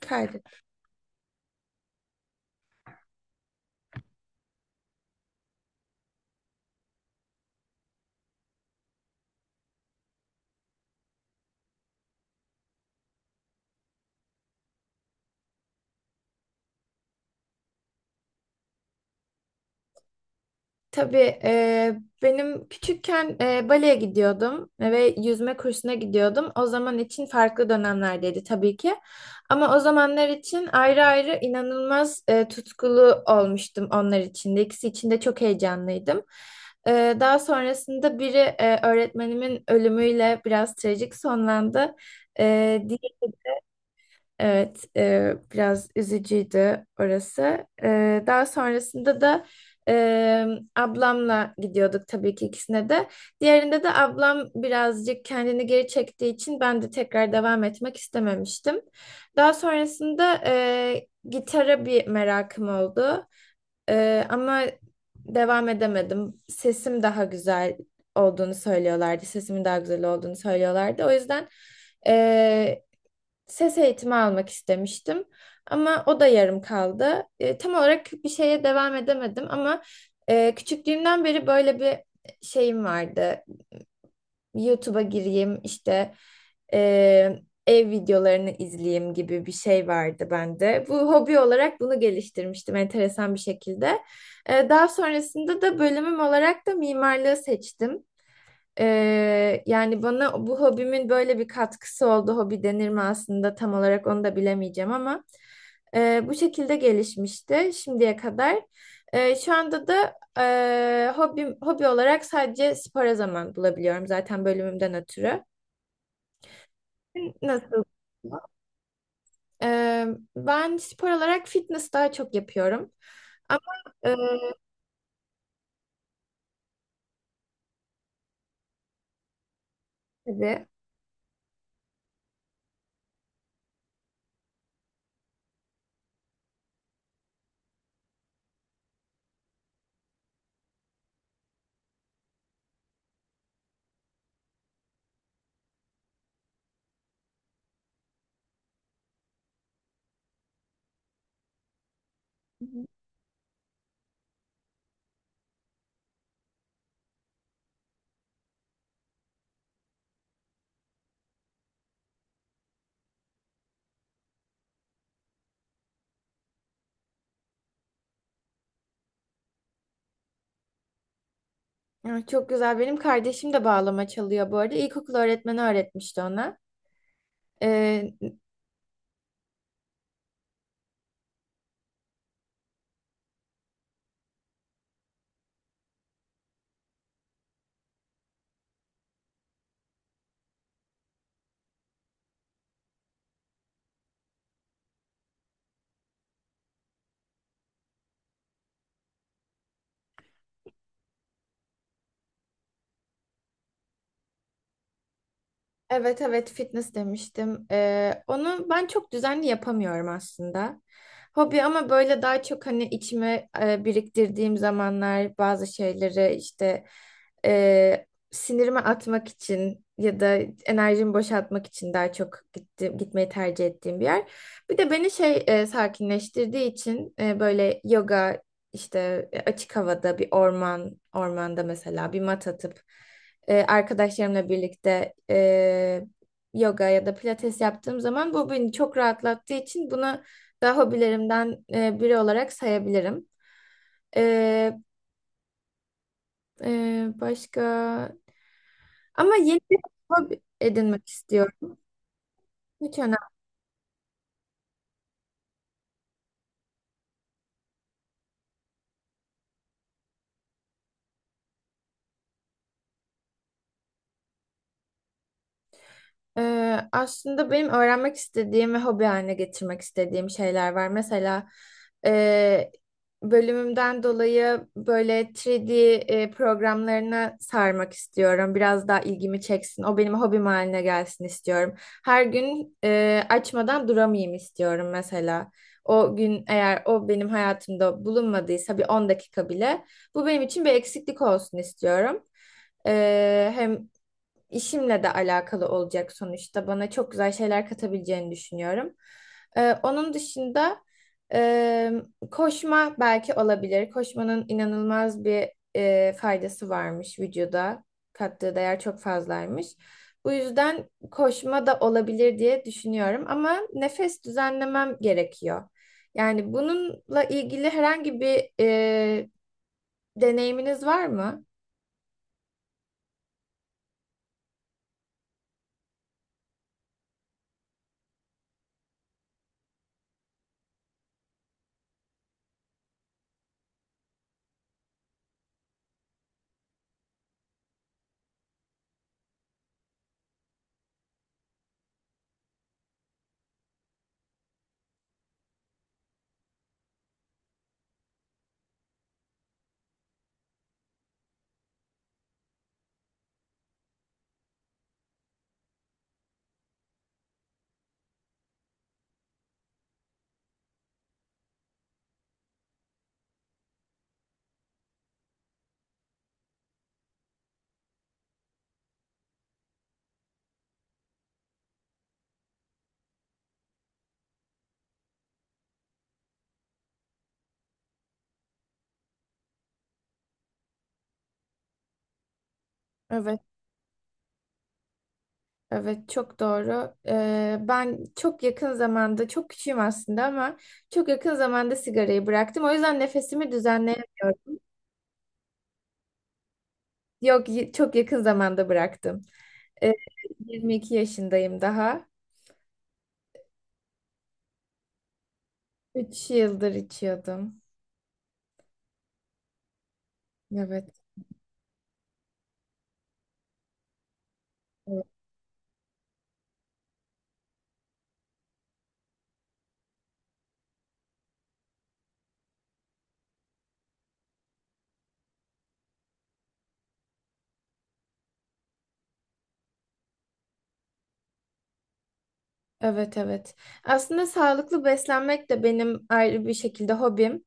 Kaydı. Tabii benim küçükken baleye gidiyordum ve yüzme kursuna gidiyordum. O zaman için farklı dönemlerdeydi tabii ki. Ama o zamanlar için ayrı ayrı inanılmaz tutkulu olmuştum onlar için de. İkisi için de çok heyecanlıydım. Daha sonrasında biri öğretmenimin ölümüyle biraz trajik sonlandı. E, Evet, biraz üzücüydü orası. Daha sonrasında da e, ablamla gidiyorduk tabii ki ikisine de. Diğerinde de ablam birazcık kendini geri çektiği için ben de tekrar devam etmek istememiştim. Daha sonrasında gitara bir merakım oldu. Ama devam edemedim. Sesim daha güzel olduğunu söylüyorlardı. Sesimin daha güzel olduğunu söylüyorlardı. O yüzden Eee, ses eğitimi almak istemiştim ama o da yarım kaldı. Tam olarak bir şeye devam edemedim ama küçüklüğümden beri böyle bir şeyim vardı. YouTube'a gireyim işte e, ev videolarını izleyeyim gibi bir şey vardı bende. Bu hobi olarak bunu geliştirmiştim enteresan bir şekilde. Daha sonrasında da bölümüm olarak da mimarlığı seçtim. Yani bana bu hobimin böyle bir katkısı oldu. Hobi denir mi aslında tam olarak onu da bilemeyeceğim ama bu şekilde gelişmişti şimdiye kadar. Şu anda da hobi olarak sadece spora zaman bulabiliyorum zaten bölümümden ötürü. Nasıl? Ee, Ben spor olarak fitness daha çok yapıyorum. Ama e, tabii. Ay, çok güzel. Benim kardeşim de bağlama çalıyor bu arada. İlkokul öğretmeni öğretmişti ona. Ee, Evet, evet, fitness demiştim. Onu ben çok düzenli yapamıyorum aslında. Hobi ama böyle daha çok hani içime biriktirdiğim zamanlar bazı şeyleri işte e, sinirimi atmak için ya da enerjimi boşaltmak için daha çok gitmeyi tercih ettiğim bir yer. Bir de beni sakinleştirdiği için böyle yoga işte açık havada bir ormanda mesela bir mat atıp arkadaşlarımla birlikte yoga ya da pilates yaptığım zaman bu beni çok rahatlattığı için bunu da hobilerimden biri olarak sayabilirim. E, e, başka ama yeni bir hobi edinmek istiyorum. Hiç önemli. Aslında benim öğrenmek istediğim ve hobi haline getirmek istediğim şeyler var. Mesela e, bölümümden dolayı böyle 3D programlarına sarmak istiyorum. Biraz daha ilgimi çeksin. O benim hobim haline gelsin istiyorum. Her gün açmadan duramayayım istiyorum mesela. O gün eğer o benim hayatımda bulunmadıysa bir 10 dakika bile bu benim için bir eksiklik olsun istiyorum. Hem işimle de alakalı olacak sonuçta. Bana çok güzel şeyler katabileceğini düşünüyorum. Onun dışında e, koşma belki olabilir. Koşmanın inanılmaz bir faydası varmış vücuda. Kattığı değer çok fazlaymış. Bu yüzden koşma da olabilir diye düşünüyorum ama nefes düzenlemem gerekiyor. Yani bununla ilgili herhangi bir deneyiminiz var mı? Evet. Evet, çok doğru. Ben çok yakın zamanda çok küçüğüm aslında ama çok yakın zamanda sigarayı bıraktım. O yüzden nefesimi düzenleyemiyorum. Yok, çok yakın zamanda bıraktım. Ee, 22 yaşındayım daha. 3 yıldır içiyordum. Evet. Evet, evet. Aslında sağlıklı beslenmek de benim ayrı bir şekilde hobim.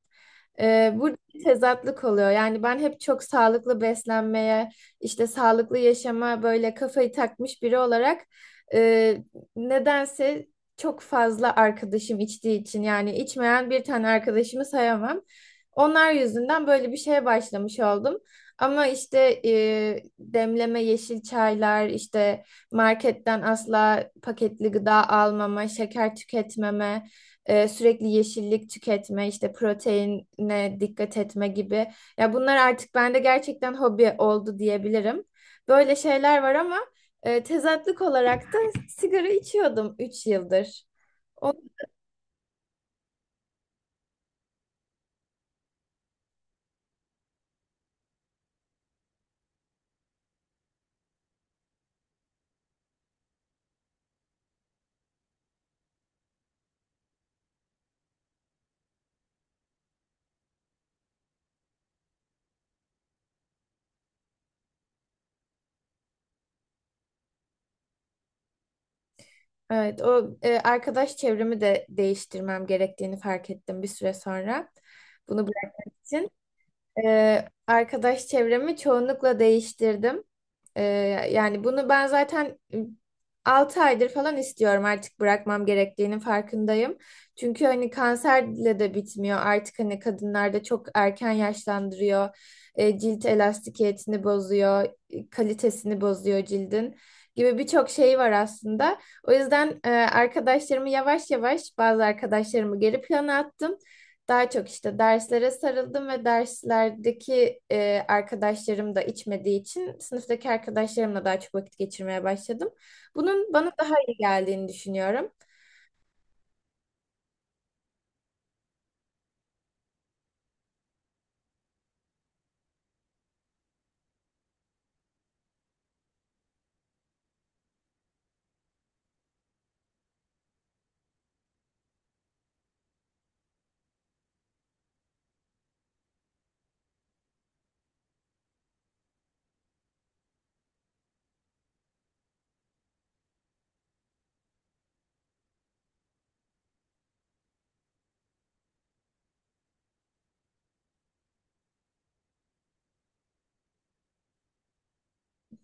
Burada bir tezatlık oluyor. Yani ben hep çok sağlıklı beslenmeye, işte sağlıklı yaşama böyle kafayı takmış biri olarak e, nedense çok fazla arkadaşım içtiği için yani içmeyen bir tane arkadaşımı sayamam. Onlar yüzünden böyle bir şeye başlamış oldum. Ama işte demleme yeşil çaylar, işte marketten asla paketli gıda almama, şeker tüketmeme, sürekli yeşillik tüketme, işte proteine dikkat etme gibi. Ya bunlar artık bende gerçekten hobi oldu diyebilirim. Böyle şeyler var ama tezatlık olarak da sigara içiyordum 3 yıldır. O, evet, arkadaş çevremi de değiştirmem gerektiğini fark ettim bir süre sonra. Bunu bıraktım. Arkadaş çevremi çoğunlukla değiştirdim. Ee, Yani bunu ben zaten 6 aydır falan istiyorum, artık bırakmam gerektiğinin farkındayım. Çünkü hani kanserle de bitmiyor, artık hani kadınlarda çok erken yaşlandırıyor. Cilt elastikiyetini bozuyor, kalitesini bozuyor cildin gibi birçok şey var aslında. O yüzden arkadaşlarımı yavaş yavaş bazı arkadaşlarımı geri plana attım. Daha çok işte derslere sarıldım ve derslerdeki arkadaşlarım da içmediği için sınıftaki arkadaşlarımla daha çok vakit geçirmeye başladım. Bunun bana daha iyi geldiğini düşünüyorum.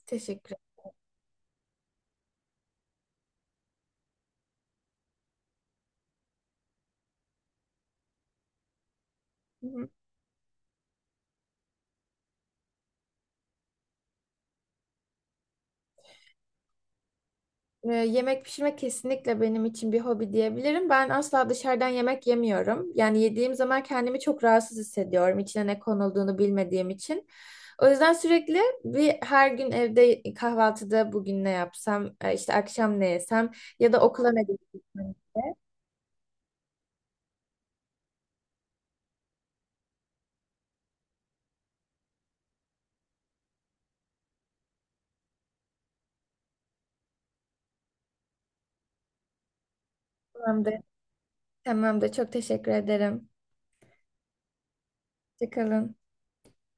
Teşekkür ederim. Yemek pişirmek kesinlikle benim için bir hobi diyebilirim. Ben asla dışarıdan yemek yemiyorum. Yani yediğim zaman kendimi çok rahatsız hissediyorum, içine ne konulduğunu bilmediğim için. O yüzden sürekli her gün evde kahvaltıda bugün ne yapsam, işte akşam ne yesem ya da okula ne götürsem. Tamamdır. Tamamdır. Çok teşekkür ederim. Hoşça kalın.